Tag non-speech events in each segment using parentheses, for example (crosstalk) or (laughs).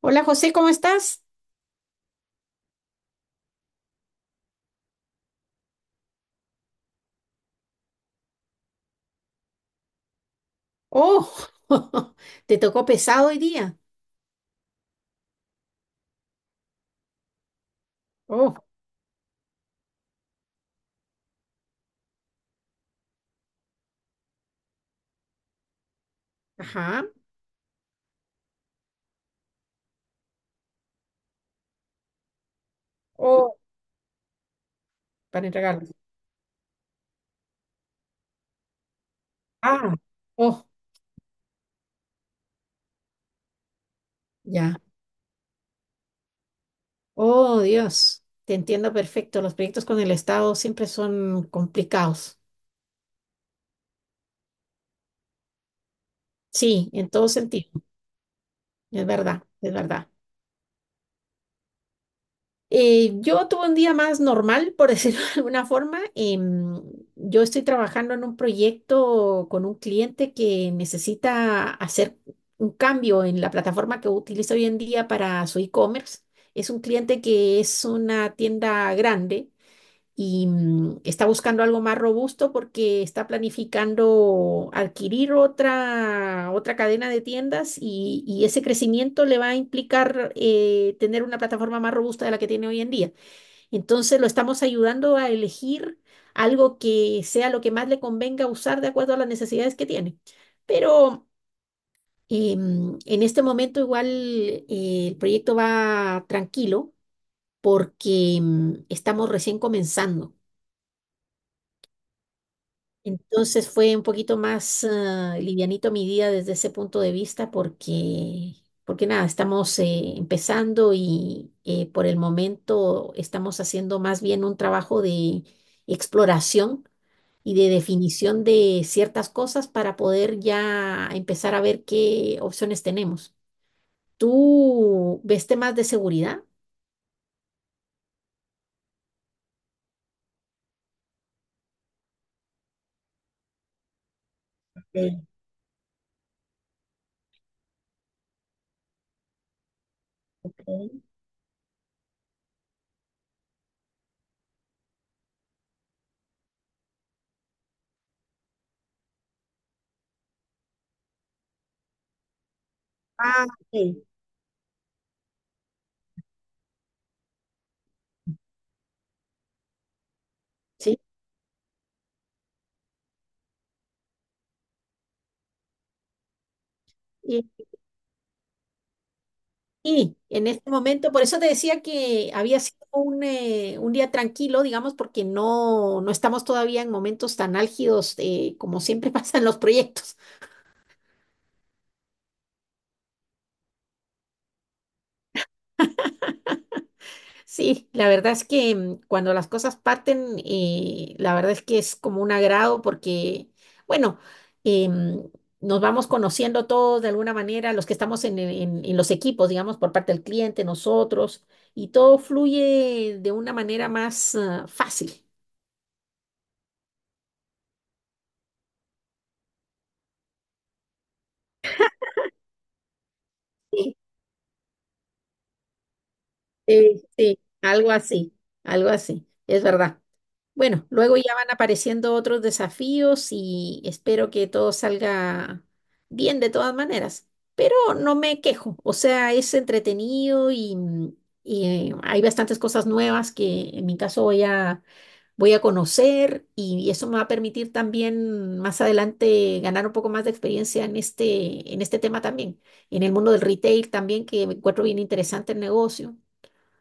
Hola José, ¿cómo estás? Oh, (laughs) te tocó pesado hoy día. Oh, ajá. Oh, para entregarlo. Ah, oh, ya. Oh, Dios, te entiendo perfecto. Los proyectos con el Estado siempre son complicados. Sí, en todo sentido. Es verdad, es verdad. Yo tuve un día más normal, por decirlo (laughs) de alguna forma. Yo estoy trabajando en un proyecto con un cliente que necesita hacer un cambio en la plataforma que utiliza hoy en día para su e-commerce. Es un cliente que es una tienda grande y está buscando algo más robusto porque está planificando adquirir otra cadena de tiendas y ese crecimiento le va a implicar tener una plataforma más robusta de la que tiene hoy en día. Entonces lo estamos ayudando a elegir algo que sea lo que más le convenga usar de acuerdo a las necesidades que tiene. Pero en este momento igual el proyecto va tranquilo porque estamos recién comenzando. Entonces fue un poquito más livianito mi día desde ese punto de vista porque nada, estamos empezando y por el momento estamos haciendo más bien un trabajo de exploración y de definición de ciertas cosas para poder ya empezar a ver qué opciones tenemos. ¿Tú ves temas de seguridad? Ok. Ah, ok. Sí. Sí, en este momento, por eso te decía que había sido un día tranquilo, digamos, porque no estamos todavía en momentos tan álgidos como siempre (laughs) pasan los proyectos. Sí, la verdad es que cuando las cosas parten, la verdad es que es como un agrado porque, bueno, em, nos vamos conociendo todos de alguna manera, los que estamos en, en los equipos, digamos, por parte del cliente, nosotros, y todo fluye de una manera más, fácil. Sí. Sí, sí, algo así, es verdad. Bueno, luego ya van apareciendo otros desafíos y espero que todo salga bien de todas maneras, pero no me quejo, o sea, es entretenido y, y, hay bastantes cosas nuevas que en mi caso voy a conocer y eso me va a permitir también más adelante ganar un poco más de experiencia en este tema también, en el mundo del retail también, que encuentro bien interesante el negocio.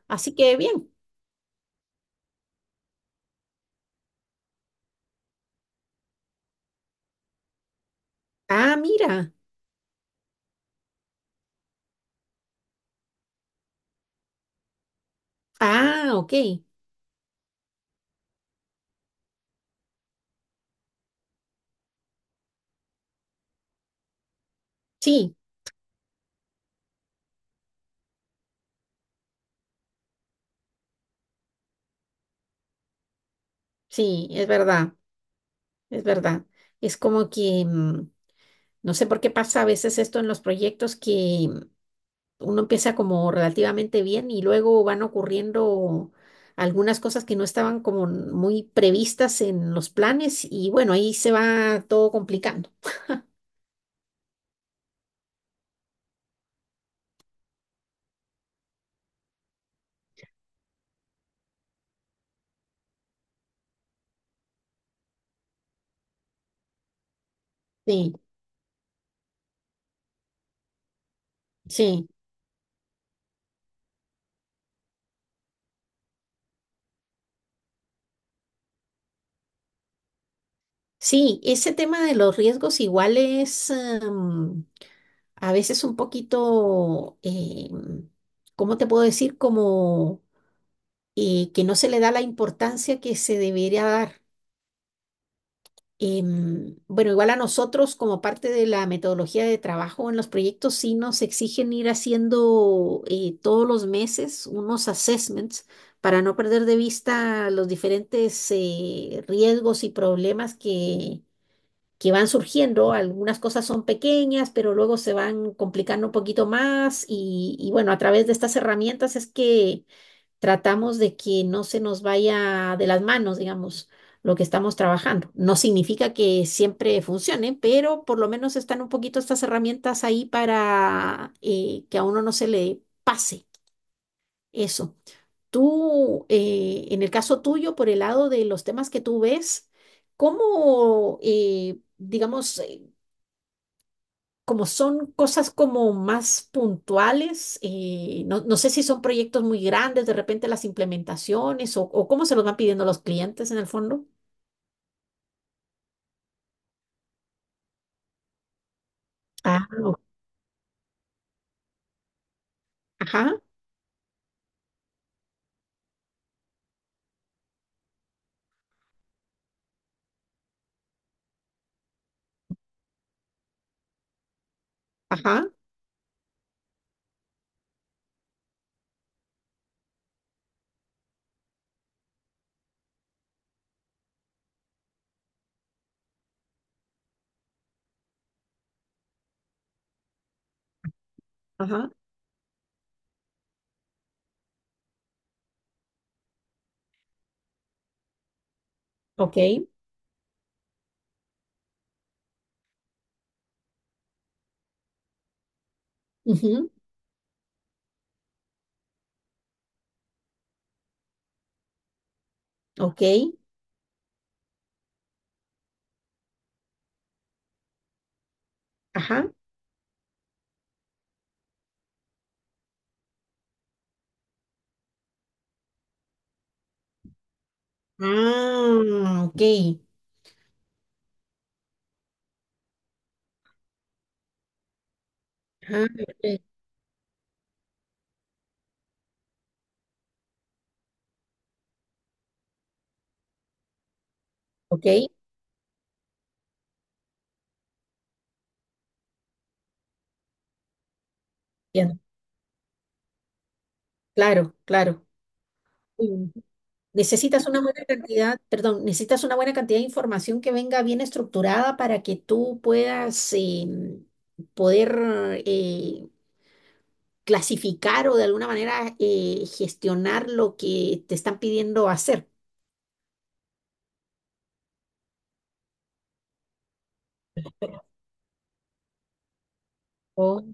Así que bien. Ah, mira. Ah, ok. Sí, sí, es verdad, es verdad. Es como que, no sé por qué pasa a veces esto en los proyectos que uno empieza como relativamente bien y luego van ocurriendo algunas cosas que no estaban como muy previstas en los planes y bueno, ahí se va todo complicando. Sí, sí. Sí, ese tema de los riesgos igual es a veces un poquito, ¿cómo te puedo decir? Como que no se le da la importancia que se debería dar. Bueno, igual a nosotros como parte de la metodología de trabajo en los proyectos sí nos exigen ir haciendo todos los meses unos assessments para no perder de vista los diferentes riesgos y problemas que van surgiendo. Algunas cosas son pequeñas, pero luego se van complicando un poquito más y bueno, a través de estas herramientas es que tratamos de que no se nos vaya de las manos, digamos, lo que estamos trabajando. No significa que siempre funcione, pero por lo menos están un poquito estas herramientas ahí para que a uno no se le pase eso. Tú, en el caso tuyo, por el lado de los temas que tú ves, ¿cómo, digamos, como son cosas como más puntuales, no, no sé si son proyectos muy grandes, de repente las implementaciones o cómo se los van pidiendo los clientes en el fondo. Ah, ajá, ajá, ajá, ok, ujú, ok, ajá, ah, ok, ah, ok, ok, bien, claro, claro. Necesitas una buena cantidad, perdón, necesitas una buena cantidad de información que venga bien estructurada para que tú puedas poder eh, clasificar o de alguna manera gestionar lo que te están pidiendo hacer. Oh,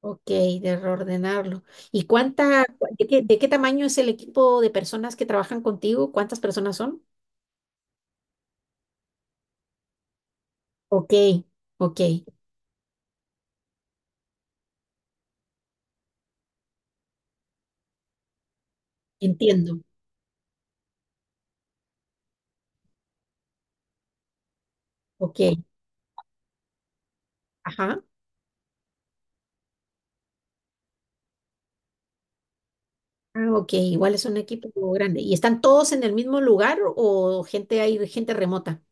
ok, de reordenarlo. ¿Y cuánta, de qué tamaño es el equipo de personas que trabajan contigo? ¿Cuántas personas son? Ok, ok, entiendo. Ok, ajá. Ah, ok, igual es un equipo grande. ¿Y están todos en el mismo lugar o gente hay gente remota?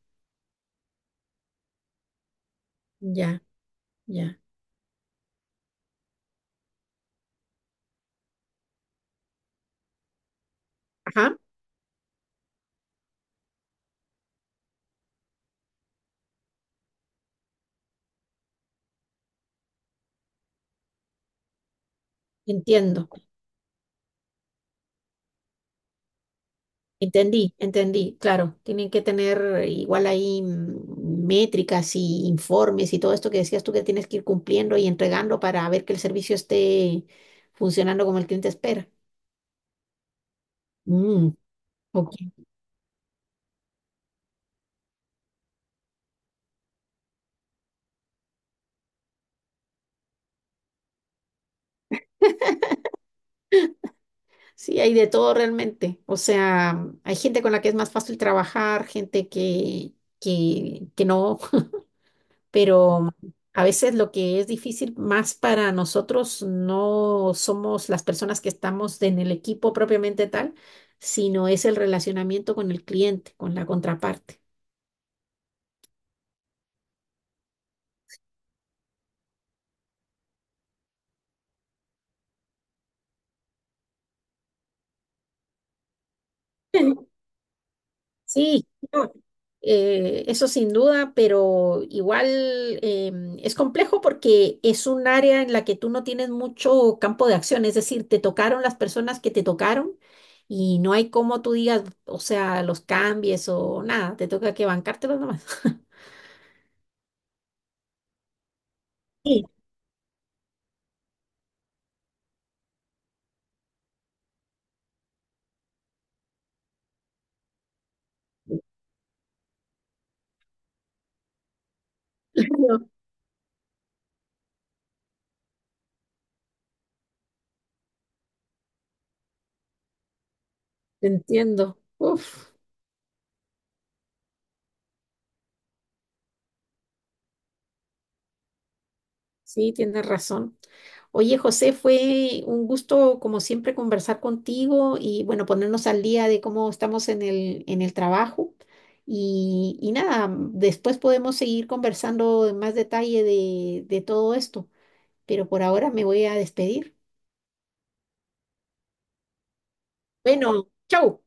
Ya, ya. Ajá, entiendo. Entendí, entendí. Claro, tienen que tener igual ahí métricas y informes y todo esto que decías tú que tienes que ir cumpliendo y entregando para ver que el servicio esté funcionando como el cliente espera. Mm, ok. Sí, hay de todo realmente. O sea, hay gente con la que es más fácil trabajar, gente que no. Pero a veces lo que es difícil más para nosotros no somos las personas que estamos en el equipo propiamente tal, sino es el relacionamiento con el cliente, con la contraparte. (laughs) Sí, no, eso sin duda, pero igual es complejo porque es un área en la que tú no tienes mucho campo de acción, es decir, te tocaron las personas que te tocaron y no hay cómo tú digas, o sea, los cambies o nada, te toca que bancártelos nomás. (laughs) Sí, claro, te entiendo. Uf, sí, tienes razón. Oye, José, fue un gusto, como siempre, conversar contigo y, bueno, ponernos al día de cómo estamos en el trabajo. Y nada, después podemos seguir conversando en más detalle de todo esto, pero por ahora me voy a despedir. Bueno, chau.